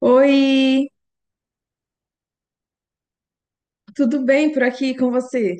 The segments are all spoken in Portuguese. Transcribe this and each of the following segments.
Oi, tudo bem por aqui com você?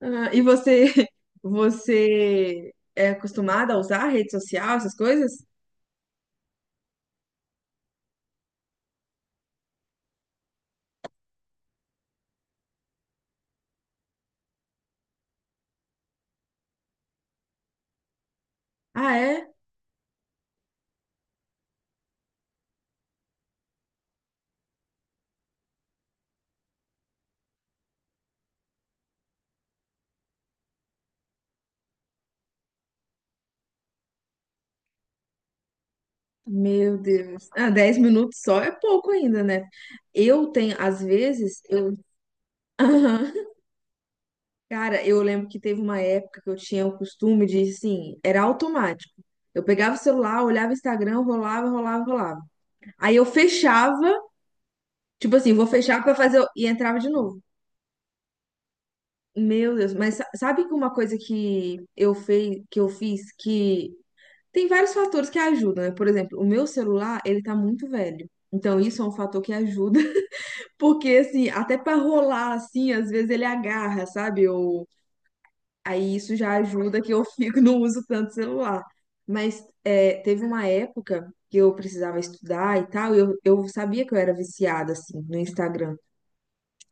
Ah, e você, você é acostumada a usar rede social, essas coisas? Ah, é? Meu Deus. Ah, 10 minutos só é pouco ainda, né? Eu tenho, às vezes, eu... Aham. Cara, eu lembro que teve uma época que eu tinha o costume de, assim, era automático. Eu pegava o celular, olhava o Instagram, rolava, rolava, rolava. Aí eu fechava, tipo assim, vou fechar pra fazer... E entrava de novo. Meu Deus, mas sabe que uma coisa que eu fiz que tem vários fatores que ajudam, né? Por exemplo, o meu celular, ele tá muito velho. Então isso é um fator que ajuda, porque assim, até pra rolar assim, às vezes ele agarra, sabe? Eu... Aí isso já ajuda que eu fico não uso tanto celular. Mas é, teve uma época que eu precisava estudar e tal, e eu sabia que eu era viciada assim no Instagram.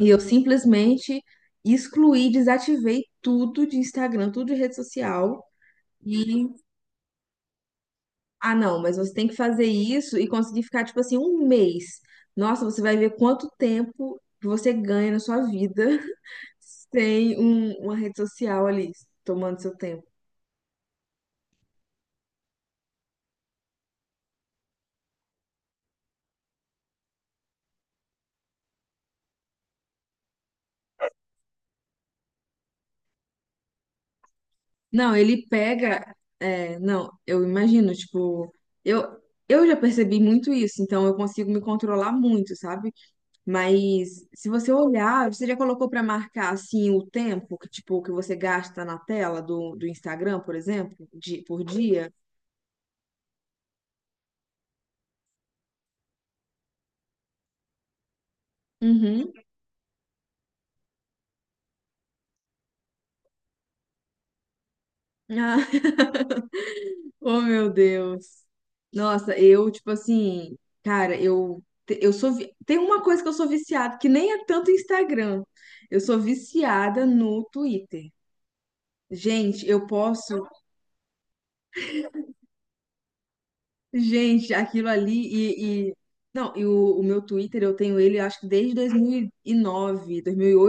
E eu simplesmente excluí, desativei tudo de Instagram, tudo de rede social. E, ah, não, mas você tem que fazer isso e conseguir ficar, tipo assim, um mês. Nossa, você vai ver quanto tempo que você ganha na sua vida sem uma rede social ali, tomando seu tempo. Não, ele pega. É, não, eu imagino, tipo, eu, eu já percebi muito isso, então eu consigo me controlar muito, sabe? Mas se você olhar, você já colocou para marcar assim o tempo que tipo que você gasta na tela do Instagram, por exemplo, de, por dia? Uhum. Ah, oh meu Deus. Nossa, eu tipo assim, cara, tem uma coisa que eu sou viciada, que nem é tanto Instagram. Eu sou viciada no Twitter. Gente, eu posso Gente, aquilo ali e, e- não, e o meu Twitter eu tenho ele acho que desde dois mil e nove, oito,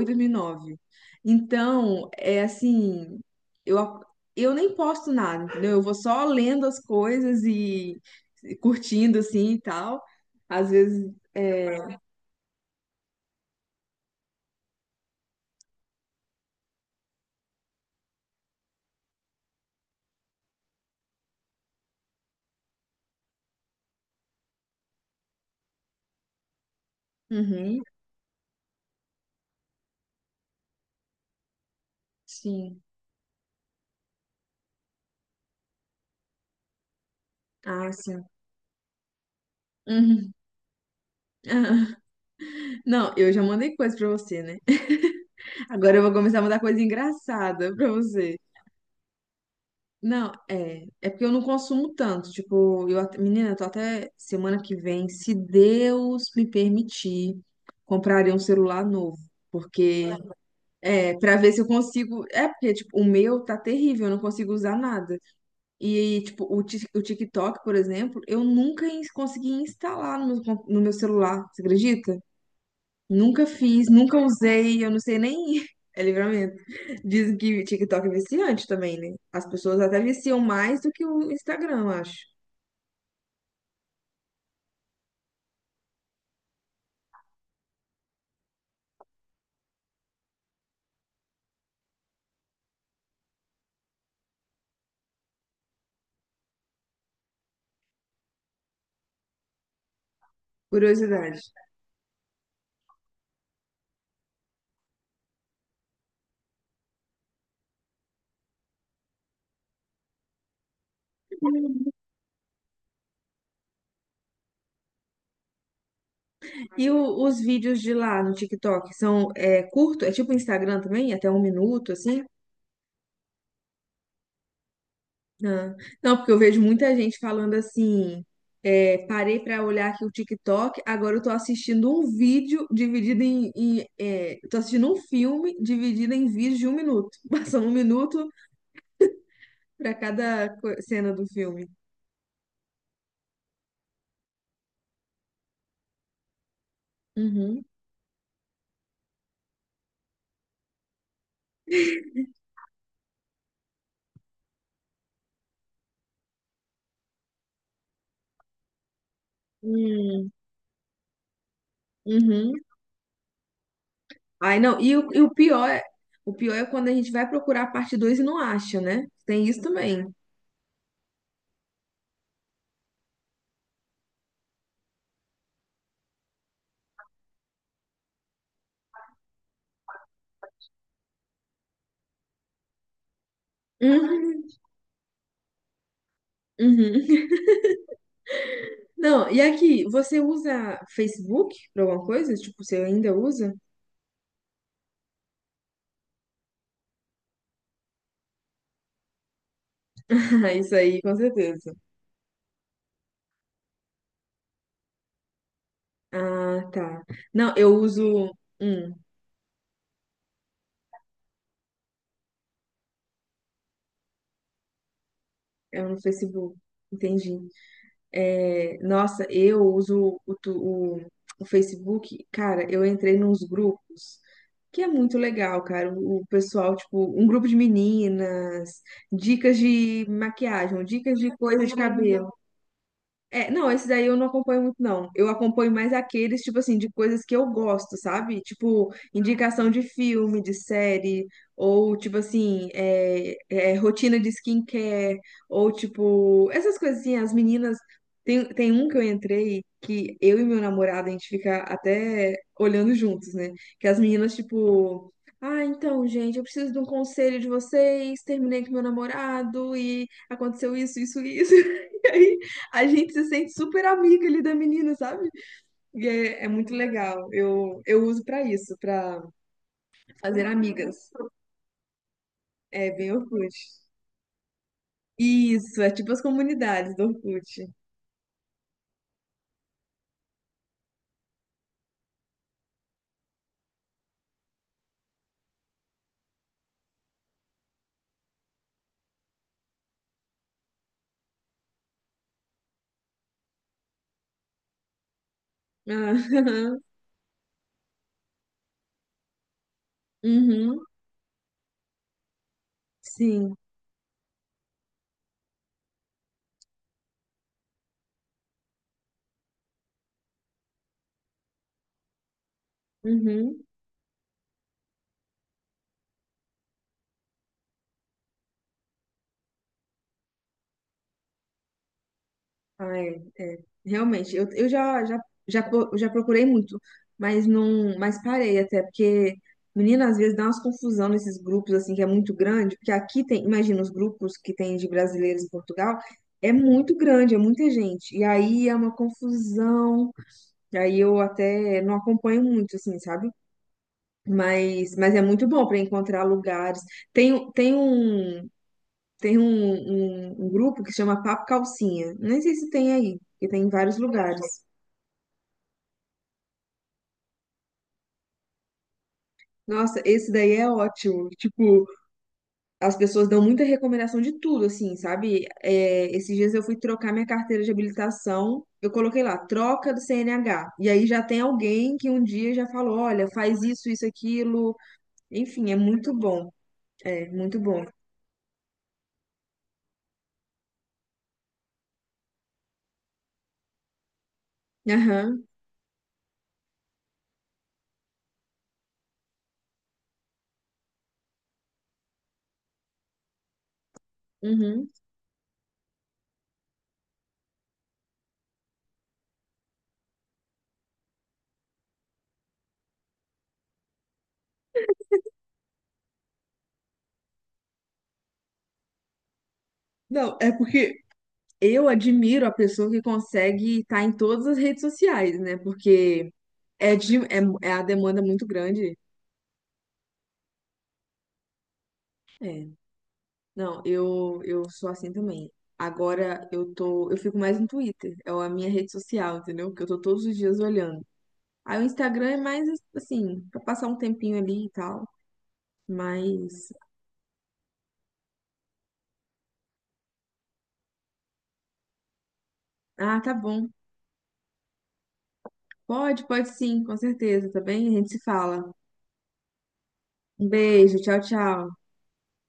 2009. Então, é assim, eu a- eu nem posto nada, entendeu? Eu vou só lendo as coisas e curtindo assim e tal. Às vezes, uhum, sim. Ah, sim. Uhum. Não, eu já mandei coisa pra você, né? Agora eu vou começar a mandar coisa engraçada pra você. Não, é. É porque eu não consumo tanto. Tipo, menina, eu tô até semana que vem, se Deus me permitir, comprarei um celular novo. Porque, é, pra ver se eu consigo. É, porque, tipo, o, meu tá terrível, eu não consigo usar nada. E, tipo, o TikTok, por exemplo, eu nunca consegui instalar no meu celular, você acredita? Nunca fiz, nunca usei, eu não sei nem. É livramento. Dizem que TikTok é viciante também, né? As pessoas até viciam mais do que o Instagram, eu acho. Curiosidade. E os vídeos de lá no TikTok são curto? É tipo Instagram também? Até um minuto, assim? Ah, não, porque eu vejo muita gente falando assim. É, parei pra olhar aqui o TikTok, agora eu tô assistindo um vídeo dividido em eu tô assistindo um filme dividido em vídeos de um minuto. Passando um minuto pra cada cena do filme. Uhum. Hum, uhum. Ai, não, e o pior é, o pior é quando a gente vai procurar a parte 2 e não acha, né? Tem isso também. Uhum. Uhum. Não, e aqui, você usa Facebook pra alguma coisa? Tipo, você ainda usa? Ah, isso aí, com certeza. Ah, tá. Não, eu uso. Hum, é no Facebook. Entendi. É, nossa, eu uso o, o Facebook, cara, eu entrei nos grupos, que é muito legal, cara. O pessoal, tipo, um grupo de meninas, dicas de maquiagem, dicas de coisa de cabelo. É, não, esse daí eu não acompanho muito, não. Eu acompanho mais aqueles, tipo assim, de coisas que eu gosto, sabe? Tipo, indicação de filme, de série, ou tipo assim, rotina de skincare, ou tipo, essas coisas assim, as meninas. Tem um que eu entrei que eu e meu namorado, a gente fica até olhando juntos, né? Que as meninas, tipo. Ah, então, gente, eu preciso de um conselho de vocês. Terminei com meu namorado e aconteceu isso, isso, isso. a gente se sente super amiga ali da menina, sabe? E é muito legal. Eu uso pra isso, pra fazer amigas. É bem Orkut. Isso, é tipo as comunidades do Orkut. Ah, uhum, sim. Uhum. Ah, é, é. Realmente, eu já procurei muito, mas não, mas parei até, porque, menina, às vezes dá umas confusão nesses grupos, assim, que é muito grande, porque aqui tem, imagina, os grupos que tem de brasileiros em Portugal, é muito grande, é muita gente, e aí é uma confusão, e aí eu até não acompanho muito, assim, sabe? Mas é muito bom para encontrar lugares. Tem, tem um, tem um grupo que chama Papo Calcinha. Nem sei se tem aí, porque tem em vários lugares. Nossa, esse daí é ótimo. Tipo, as pessoas dão muita recomendação de tudo, assim, sabe? É, esses dias eu fui trocar minha carteira de habilitação. Eu coloquei lá, troca do CNH. E aí já tem alguém que um dia já falou: olha, faz isso, isso, aquilo. Enfim, é muito bom. É, muito bom. Aham, uhum. Não, é porque eu admiro a pessoa que consegue estar em todas as redes sociais, né? Porque É a demanda muito grande. É. Não, eu sou assim também. Agora eu fico mais no Twitter, é a minha rede social, entendeu? Porque eu tô todos os dias olhando. Aí o Instagram é mais assim, pra passar um tempinho ali e tal. Mas, ah, tá bom. Pode, pode sim, com certeza, tá bem? A gente se fala. Um beijo, tchau, tchau.